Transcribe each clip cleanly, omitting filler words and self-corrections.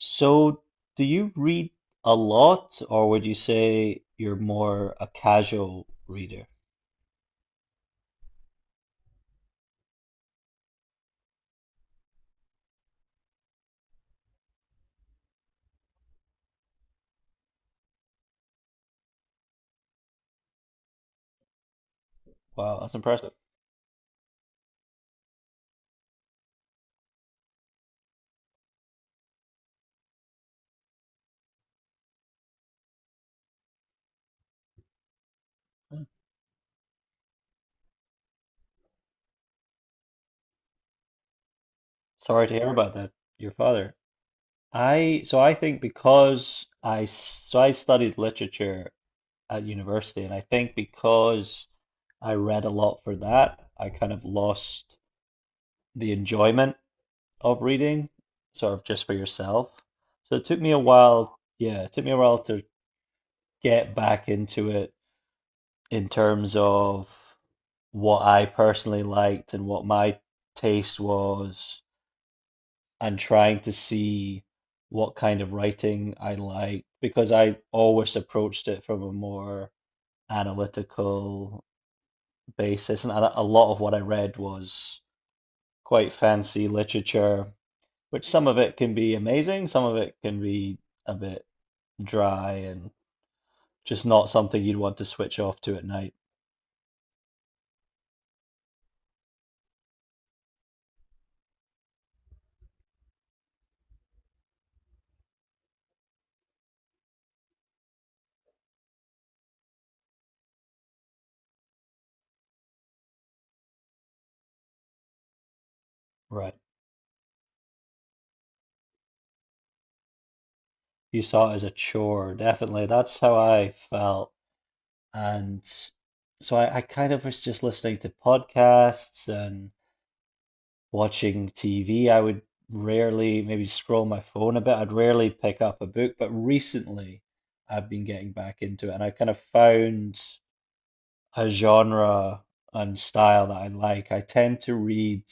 So, do you read a lot, or would you say you're more a casual reader? Wow, that's impressive. Sorry to hear about that, your father. I so I think because I s- so I studied literature at university, and I think because I read a lot for that, I kind of lost the enjoyment of reading, sort of just for yourself. So it took me a while, yeah, it took me a while to get back into it in terms of what I personally liked and what my taste was, and trying to see what kind of writing I liked because I always approached it from a more analytical basis. And a lot of what I read was quite fancy literature, which some of it can be amazing, some of it can be a bit dry and just not something you'd want to switch off to at night. Right. You saw it as a chore, definitely. That's how I felt. And so I kind of was just listening to podcasts and watching TV. I would rarely maybe scroll my phone a bit. I'd rarely pick up a book, but recently I've been getting back into it and I kind of found a genre and style that I like. I tend to read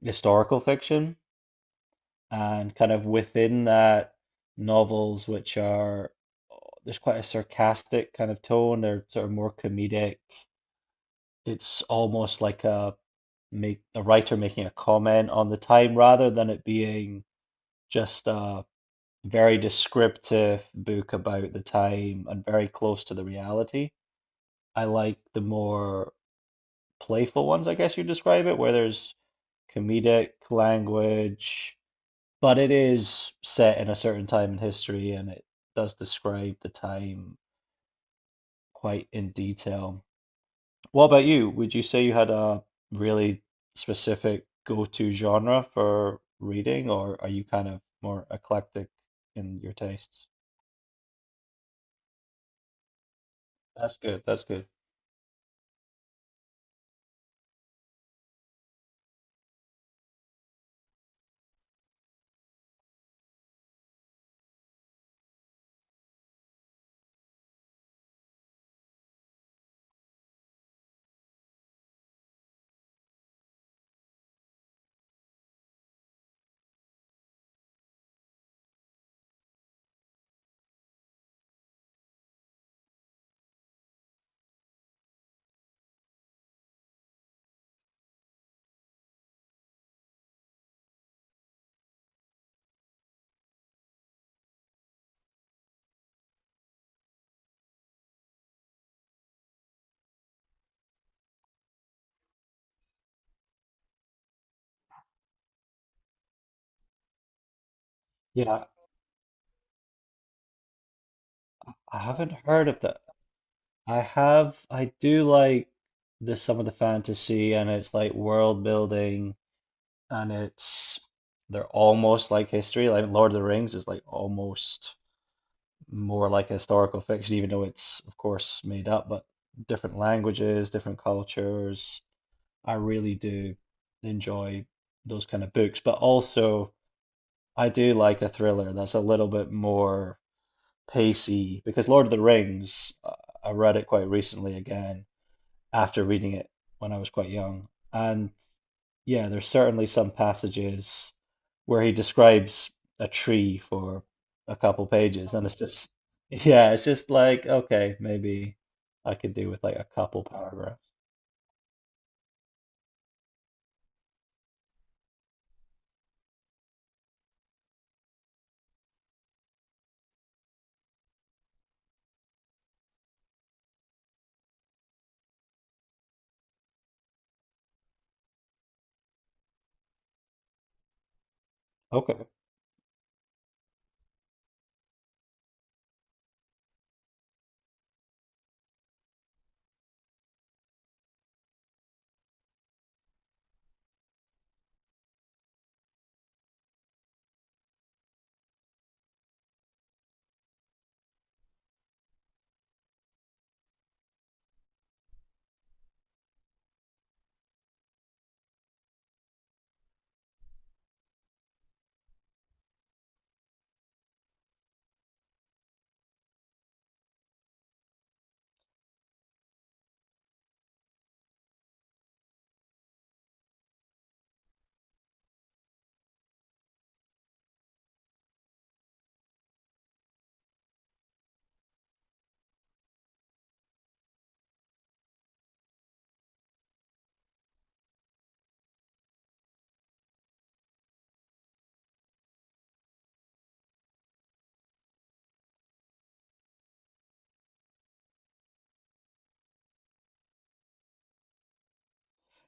historical fiction and kind of within that, novels which are, there's quite a sarcastic kind of tone, they're sort of more comedic. It's almost like a writer making a comment on the time rather than it being just a very descriptive book about the time and very close to the reality. I like the more playful ones, I guess you describe it, where there's comedic language, but it is set in a certain time in history and it does describe the time quite in detail. What about you? Would you say you had a really specific go-to genre for reading, or are you kind of more eclectic in your tastes? That's good. That's good. Yeah, I haven't heard of that. I have. I do like the some of the fantasy, and it's like world building, and it's they're almost like history. Like Lord of the Rings is like almost more like historical fiction, even though it's of course made up, but different languages, different cultures. I really do enjoy those kind of books, but also I do like a thriller that's a little bit more pacey because Lord of the Rings, I read it quite recently again after reading it when I was quite young. And yeah, there's certainly some passages where he describes a tree for a couple pages, and it's just, yeah, it's just like, okay, maybe I could do with like a couple paragraphs. Okay.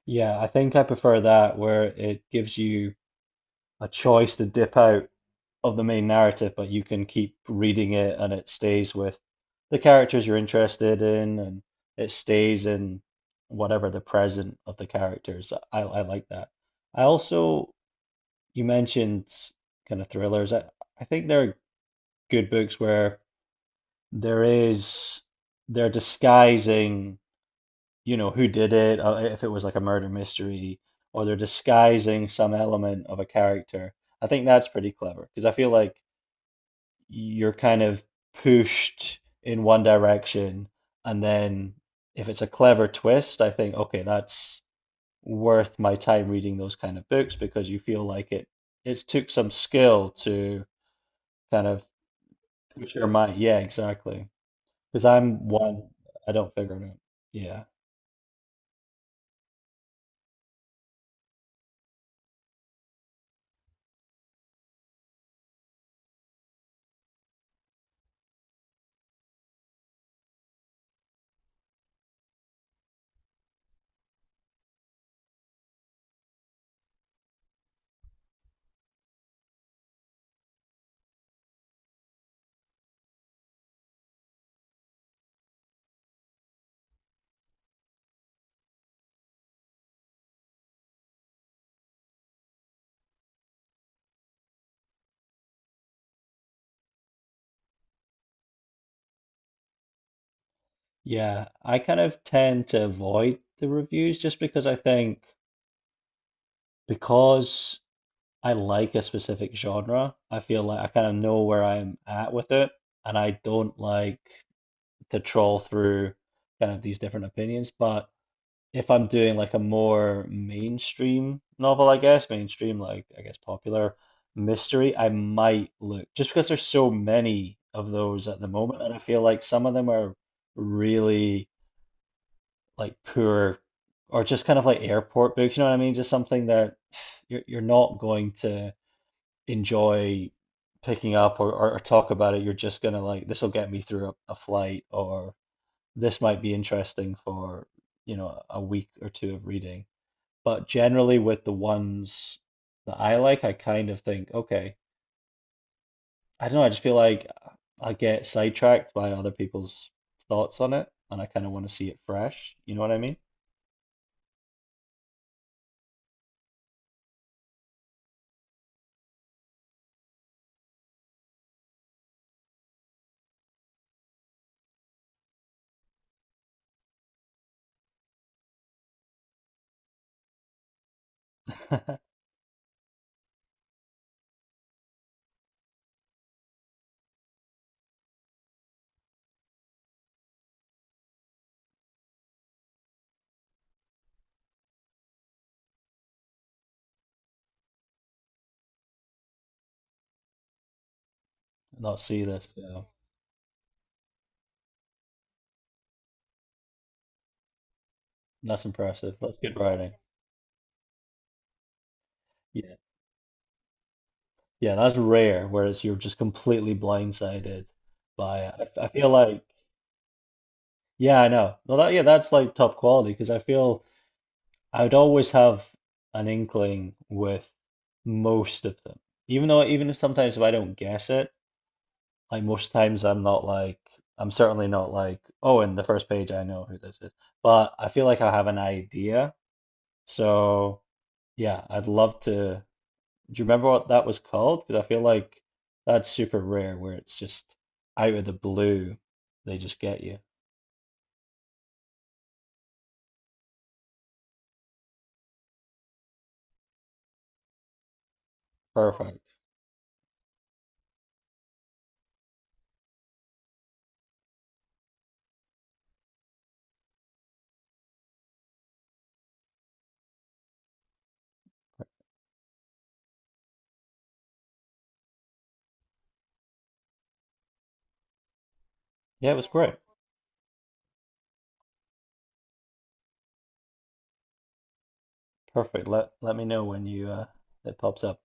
Yeah, I think I prefer that where it gives you a choice to dip out of the main narrative, but you can keep reading it and it stays with the characters you're interested in and it stays in whatever the present of the characters. I like that. I also, you mentioned kind of thrillers. I think there are good books where there is, they're disguising, who did it, if it was like a murder mystery, or they're disguising some element of a character. I think that's pretty clever because I feel like you're kind of pushed in one direction, and then if it's a clever twist, I think, okay, that's worth my time reading those kind of books because you feel like it's took some skill to kind of push your mind. Yeah, exactly. Because I'm one, I don't figure it out. Yeah. Yeah, I kind of tend to avoid the reviews just because I think because I like a specific genre. I feel like I kind of know where I'm at with it, and I don't like to troll through kind of these different opinions. But if I'm doing like a more mainstream novel, I guess, mainstream, like I guess popular mystery, I might look just because there's so many of those at the moment, and I feel like some of them are really like poor or just kind of like airport books, you know what I mean? Just something that you're not going to enjoy picking up, or talk about it. You're just gonna like, this will get me through a flight, or this might be interesting for a week or two of reading. But generally, with the ones that I like, I kind of think, okay, I don't know, I just feel like I get sidetracked by other people's thoughts on it, and I kind of want to see it fresh. You know what I mean? Not see this. Yeah, that's impressive. That's good writing. Yeah. Yeah, that's rare, whereas you're just completely blindsided by it. I feel like, yeah, I know. Well, that, yeah, that's like top quality because I feel I would always have an inkling with most of them. Even though, even if sometimes if I don't guess it, like most times I'm not like, I'm certainly not like, oh, in the first page I know who this is. But I feel like I have an idea. So, yeah, I'd love to. Do you remember what that was called? Because I feel like that's super rare where it's just out of the blue, they just get you. Perfect. Yeah, it was great. Perfect. Let me know when you it pops up.